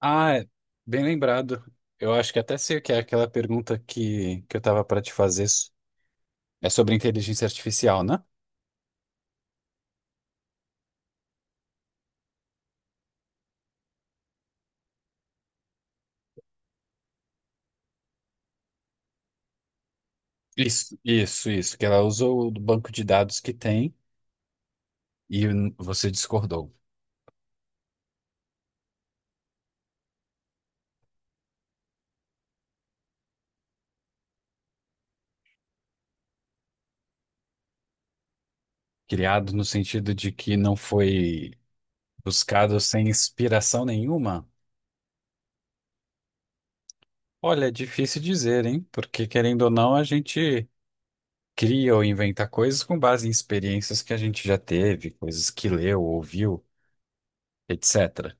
Ah, é, bem lembrado. Eu acho que até sei o que é aquela pergunta que eu tava para te fazer. É sobre inteligência artificial, né? Isso, isso, isso. Que ela usou o banco de dados que tem e você discordou. Criado no sentido de que não foi buscado sem inspiração nenhuma? Olha, é difícil dizer, hein? Porque querendo ou não, a gente cria ou inventa coisas com base em experiências que a gente já teve, coisas que leu, ouviu, etc.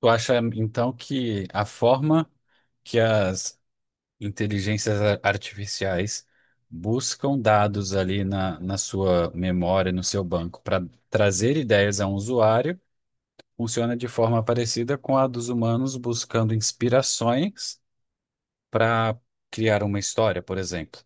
Tu acha então que a forma que as inteligências artificiais buscam dados ali na sua memória, no seu banco, para trazer ideias a um usuário, funciona de forma parecida com a dos humanos buscando inspirações para criar uma história, por exemplo?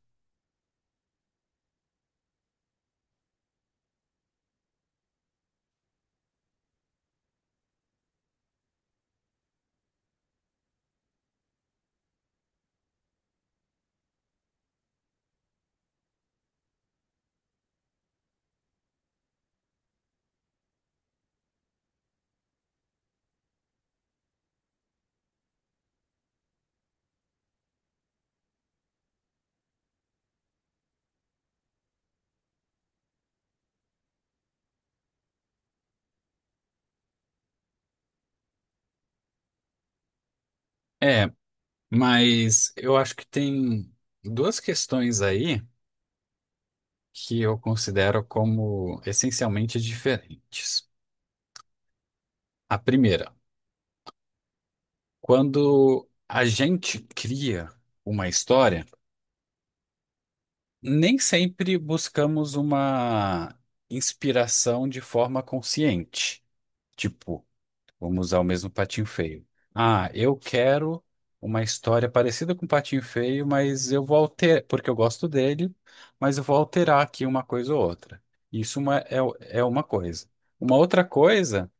É, mas eu acho que tem duas questões aí que eu considero como essencialmente diferentes. A primeira: quando a gente cria uma história, nem sempre buscamos uma inspiração de forma consciente. Tipo, vamos usar o mesmo Patinho Feio. Ah, eu quero uma história parecida com o Patinho Feio, mas eu vou alterar, porque eu gosto dele, mas eu vou alterar aqui uma coisa ou outra. Isso uma- é, é uma coisa. Uma outra coisa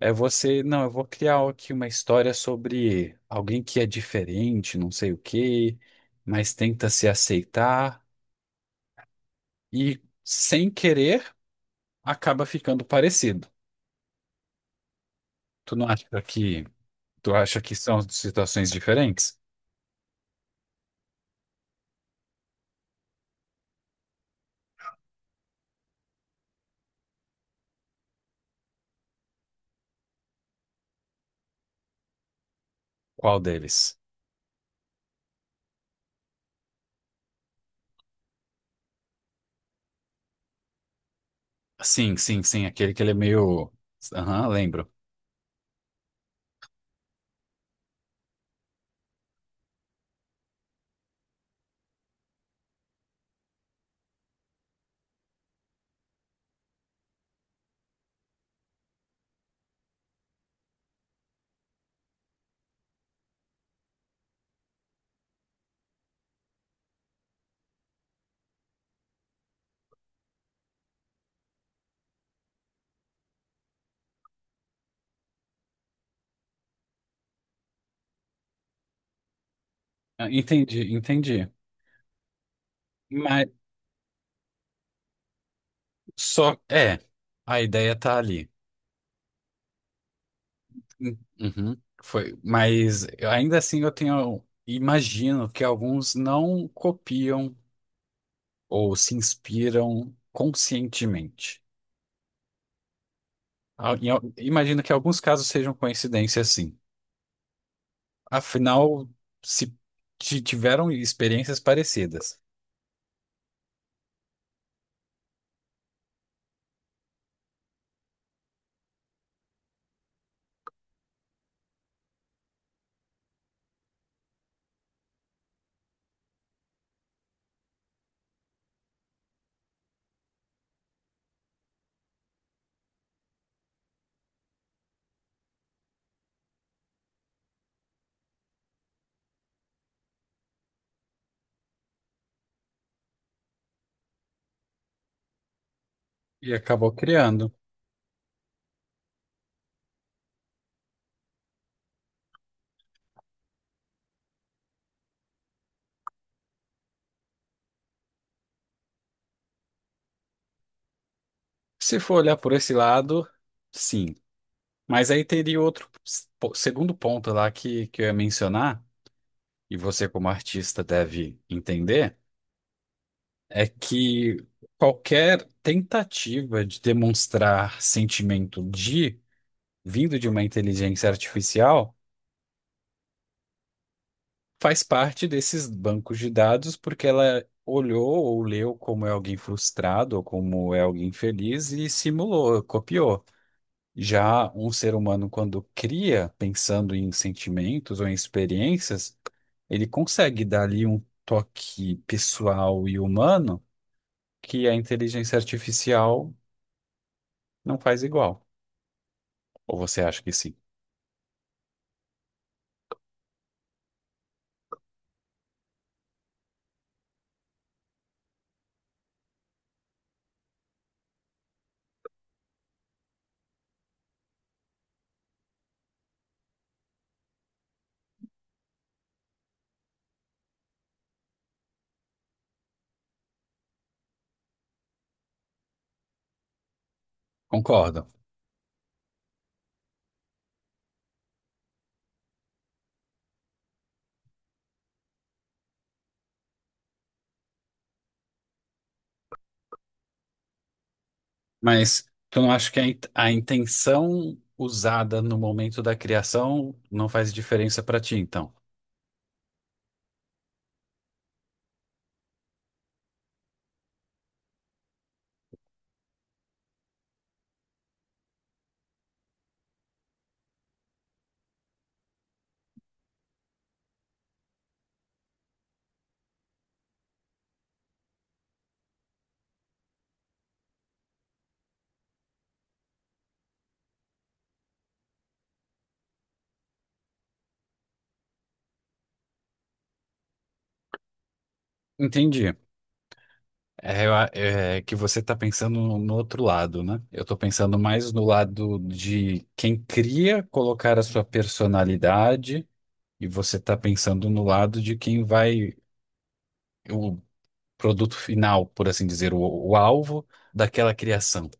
é você, não, eu vou criar aqui uma história sobre alguém que é diferente, não sei o quê, mas tenta se aceitar e, sem querer, acaba ficando parecido. Tu não acha que, tu acha que são situações diferentes? Qual deles? Sim, sim, sim, aquele que ele é meio, aham, lembro. Ah, entendi, entendi. Mas só, é, a ideia tá ali. Uhum, foi, mas ainda assim eu tenho, imagino que alguns não copiam ou se inspiram conscientemente. Imagino que alguns casos sejam coincidência, sim. Afinal, se tiveram experiências parecidas e acabou criando. Se for olhar por esse lado, sim. Mas aí teria outro segundo ponto lá que eu ia mencionar, e você como artista deve entender é que qualquer tentativa de demonstrar sentimento de vindo de uma inteligência artificial faz parte desses bancos de dados, porque ela olhou ou leu como é alguém frustrado ou como é alguém feliz e simulou, copiou. Já um ser humano, quando cria, pensando em sentimentos ou em experiências, ele consegue dar ali um toque pessoal e humano que a inteligência artificial não faz igual. Ou você acha que sim? Concordo. Mas tu não acha que a a intenção usada no momento da criação não faz diferença pra ti, então? Entendi. É, é que você tá pensando no outro lado, né? Eu tô pensando mais no lado de quem cria colocar a sua personalidade e você tá pensando no lado de quem vai, o produto final, por assim dizer, o alvo daquela criação.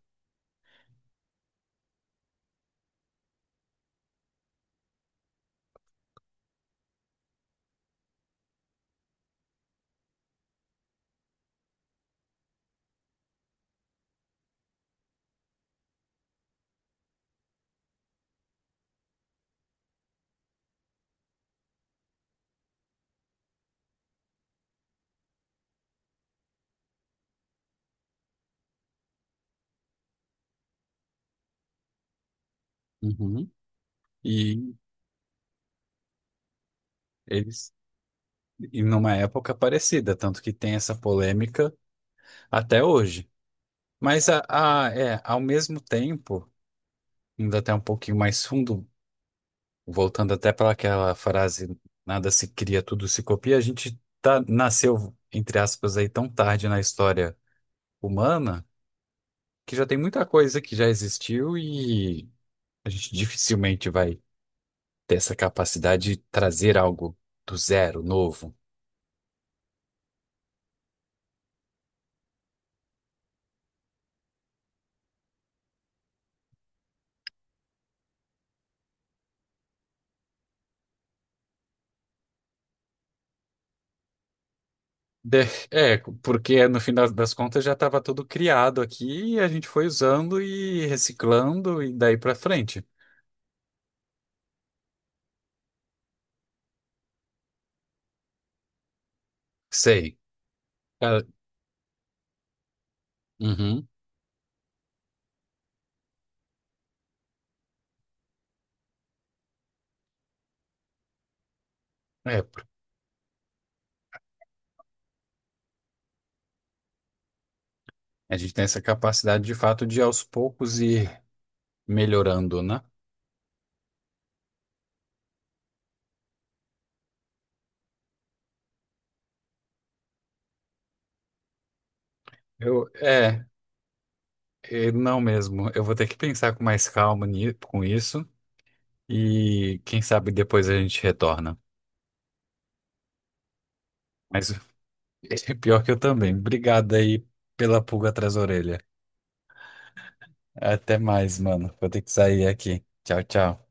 Uhum. E eles E numa época parecida, tanto que tem essa polêmica até hoje. Mas é, ao mesmo tempo, indo até um pouquinho mais fundo, voltando até para aquela frase, nada se cria, tudo se copia, a gente tá, nasceu, entre aspas, aí tão tarde na história humana que já tem muita coisa que já existiu e a gente dificilmente vai ter essa capacidade de trazer algo do zero, novo. De- É, porque no fim das contas já estava tudo criado aqui e a gente foi usando e reciclando e daí para frente. Sei. Cara, uhum. É, a gente tem essa capacidade de fato de aos poucos ir melhorando, né? Eu, é, é, não mesmo. Eu vou ter que pensar com mais calma com isso e quem sabe depois a gente retorna. Mas pior que eu também. Obrigado aí pela pulga atrás da orelha. Até mais, mano. Vou ter que sair aqui. Tchau, tchau.